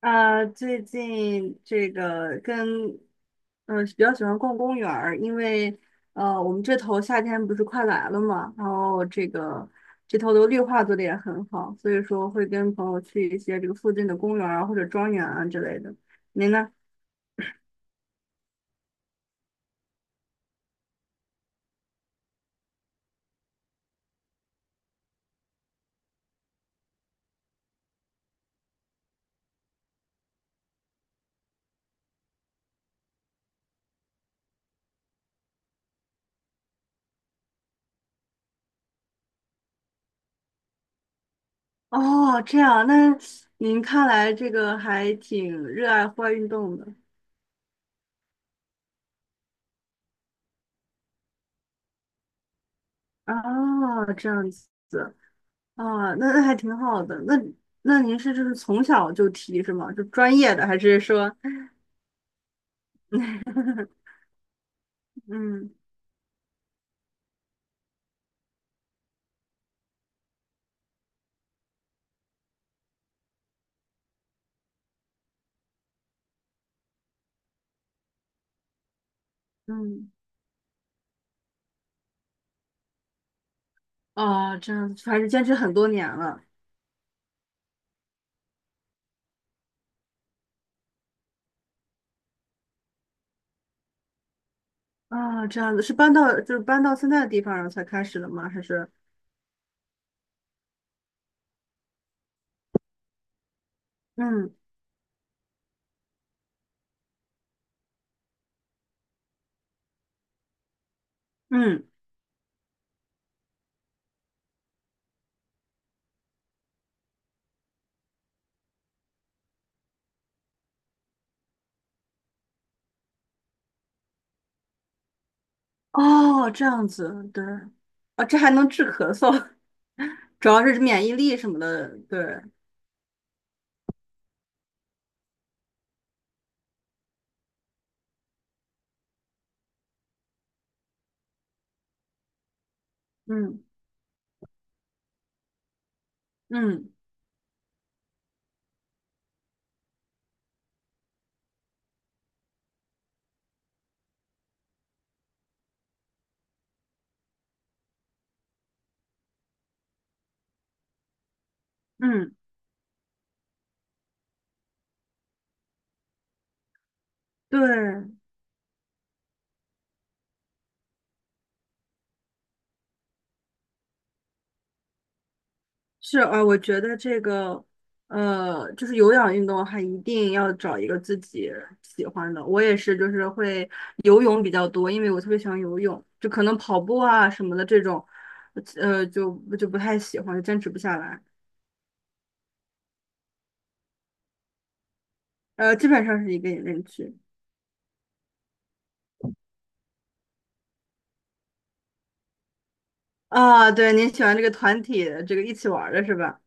啊，最近这个跟比较喜欢逛公园儿，因为我们这头夏天不是快来了嘛，然后这个这头的绿化做的也很好，所以说会跟朋友去一些这个附近的公园儿啊或者庄园啊之类的。您呢？哦，这样，那您看来这个还挺热爱户外运动的啊，这样子啊，那还挺好的。那您是就是从小就踢是吗？就专业的还是说？嗯嗯，哦，这样子，还是坚持很多年了。啊，这样子是搬到就是搬到现在的地方然后才开始的吗？还是嗯嗯哦这样子，对，啊，这还能治咳嗽，主要是免疫力什么的，对，嗯嗯嗯，对是，我觉得这个，就是有氧运动的话一定要找一个自己喜欢的。我也是，就是会游泳比较多，因为我特别喜欢游泳，就可能跑步啊什么的这种，就不太喜欢，就坚持不下来。基本上是一个人去。啊，对，您喜欢这个团体，这个一起玩儿的是吧？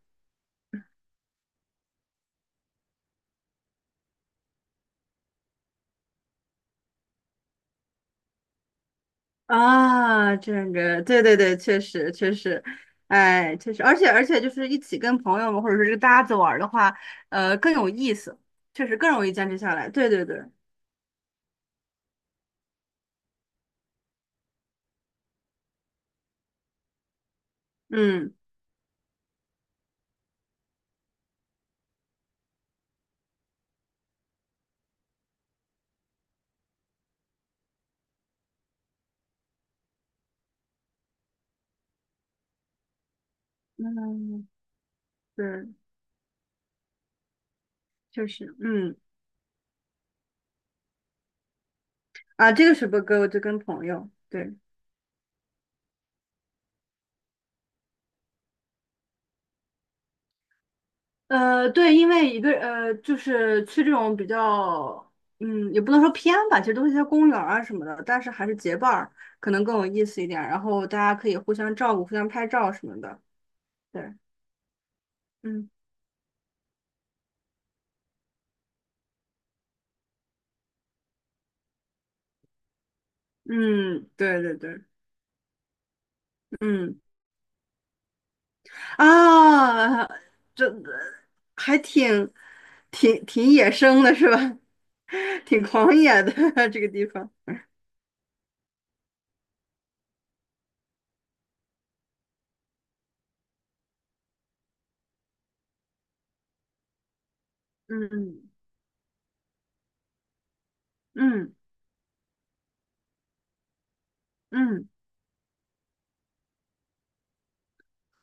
啊，这个，对对对，确实确实，哎，确实，而且就是一起跟朋友们或者是这个搭子玩儿的话，更有意思，确实更容易坚持下来。对对对，嗯嗯，对，确实，嗯啊，这个是不歌我就跟朋友，对，对，因为一个就是去这种比较，嗯，也不能说偏吧，其实都是一些公园儿啊什么的，但是还是结伴儿可能更有意思一点，然后大家可以互相照顾、互相拍照什么的，对。嗯。嗯，对对对，嗯啊，这还挺野生的是吧？挺狂野的 这个地方。嗯嗯嗯，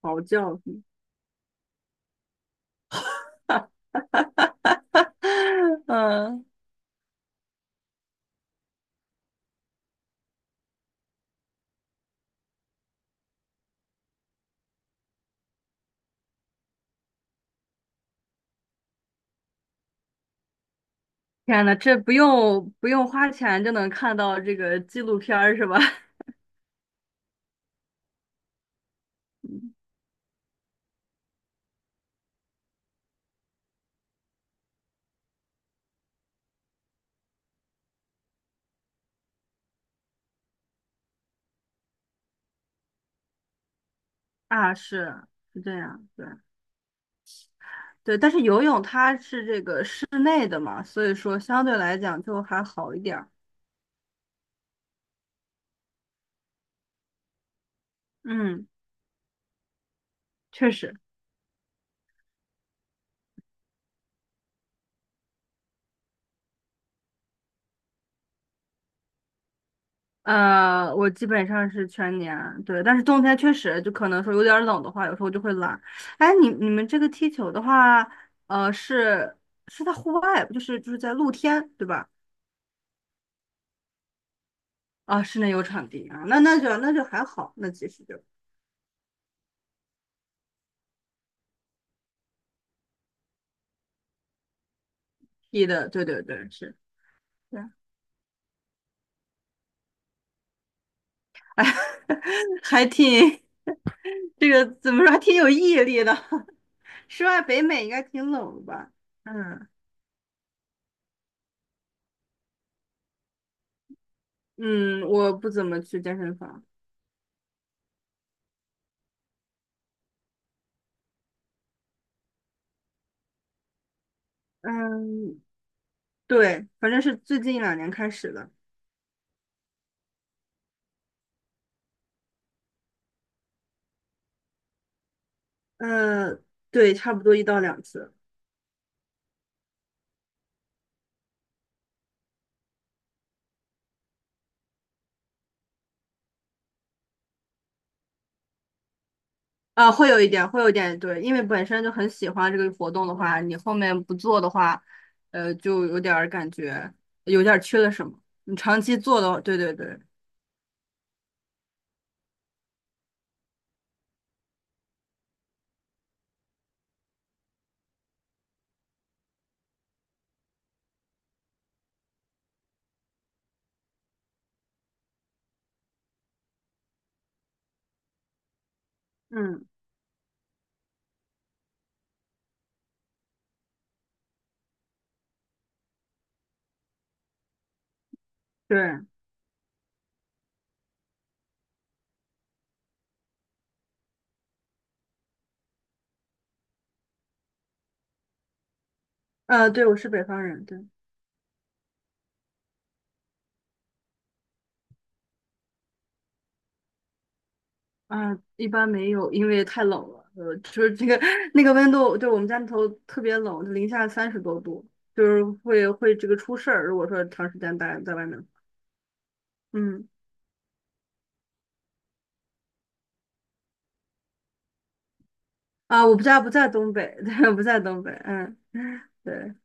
嚎叫声。嗯，天呐，这不用花钱就能看到这个纪录片儿是吧？嗯啊，是这样，对对，但是游泳它是这个室内的嘛，所以说相对来讲就还好一点儿。嗯。确实，我基本上是全年，对，但是冬天确实就可能说有点儿冷的话，有时候就会懒。哎，你们这个踢球的话，呃，是是在户外，就是在露天，对吧？啊，室内有场地啊，那就还好，那其实就踢的，对对对，是，对，哎，还挺这个怎么说，还挺有毅力的。室外北美应该挺冷的吧？嗯嗯，我不怎么去健身房。嗯，对，反正是最近一两年开始的。呃，对，差不多一到两次。啊、会有一点，会有一点，对，因为本身就很喜欢这个活动的话，你后面不做的话，就有点儿感觉有点儿缺了什么。你长期做的话，对对对，嗯，对，对，我是北方人，对，啊、一般没有，因为太冷了，就是这个 那个温度，对，我们家里头特别冷，零下30多度，就是会这个出事儿，如果说长时间待在外面，嗯。啊，我不在东北，对，不在东北，嗯，对，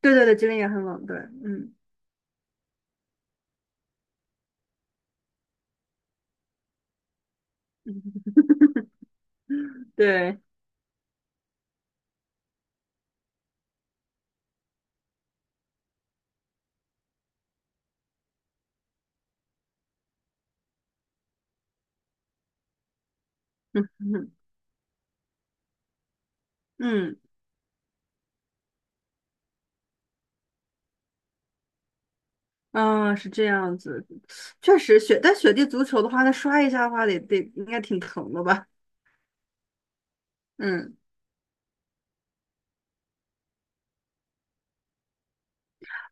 对对对，吉林也很冷，对，嗯嗯，对，嗯嗯嗯，啊，是这样子，确实雪，但雪地足球的话，它摔一下的话得应该挺疼的吧？嗯，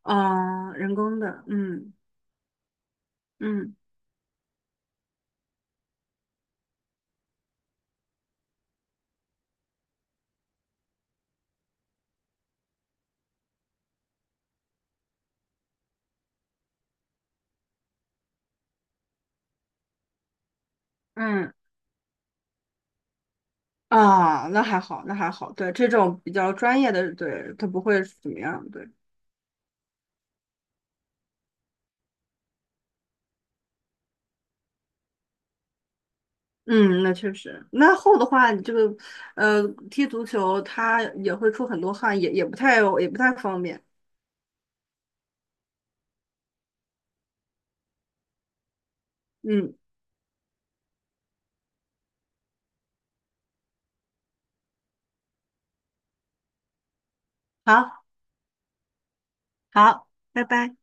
啊，人工的，嗯嗯嗯，啊，那还好，那还好，对，这种比较专业的，对，它不会怎么样，对。嗯，那确实。那厚的话，你这个踢足球它也会出很多汗，也不太方便。嗯，好，好，拜拜。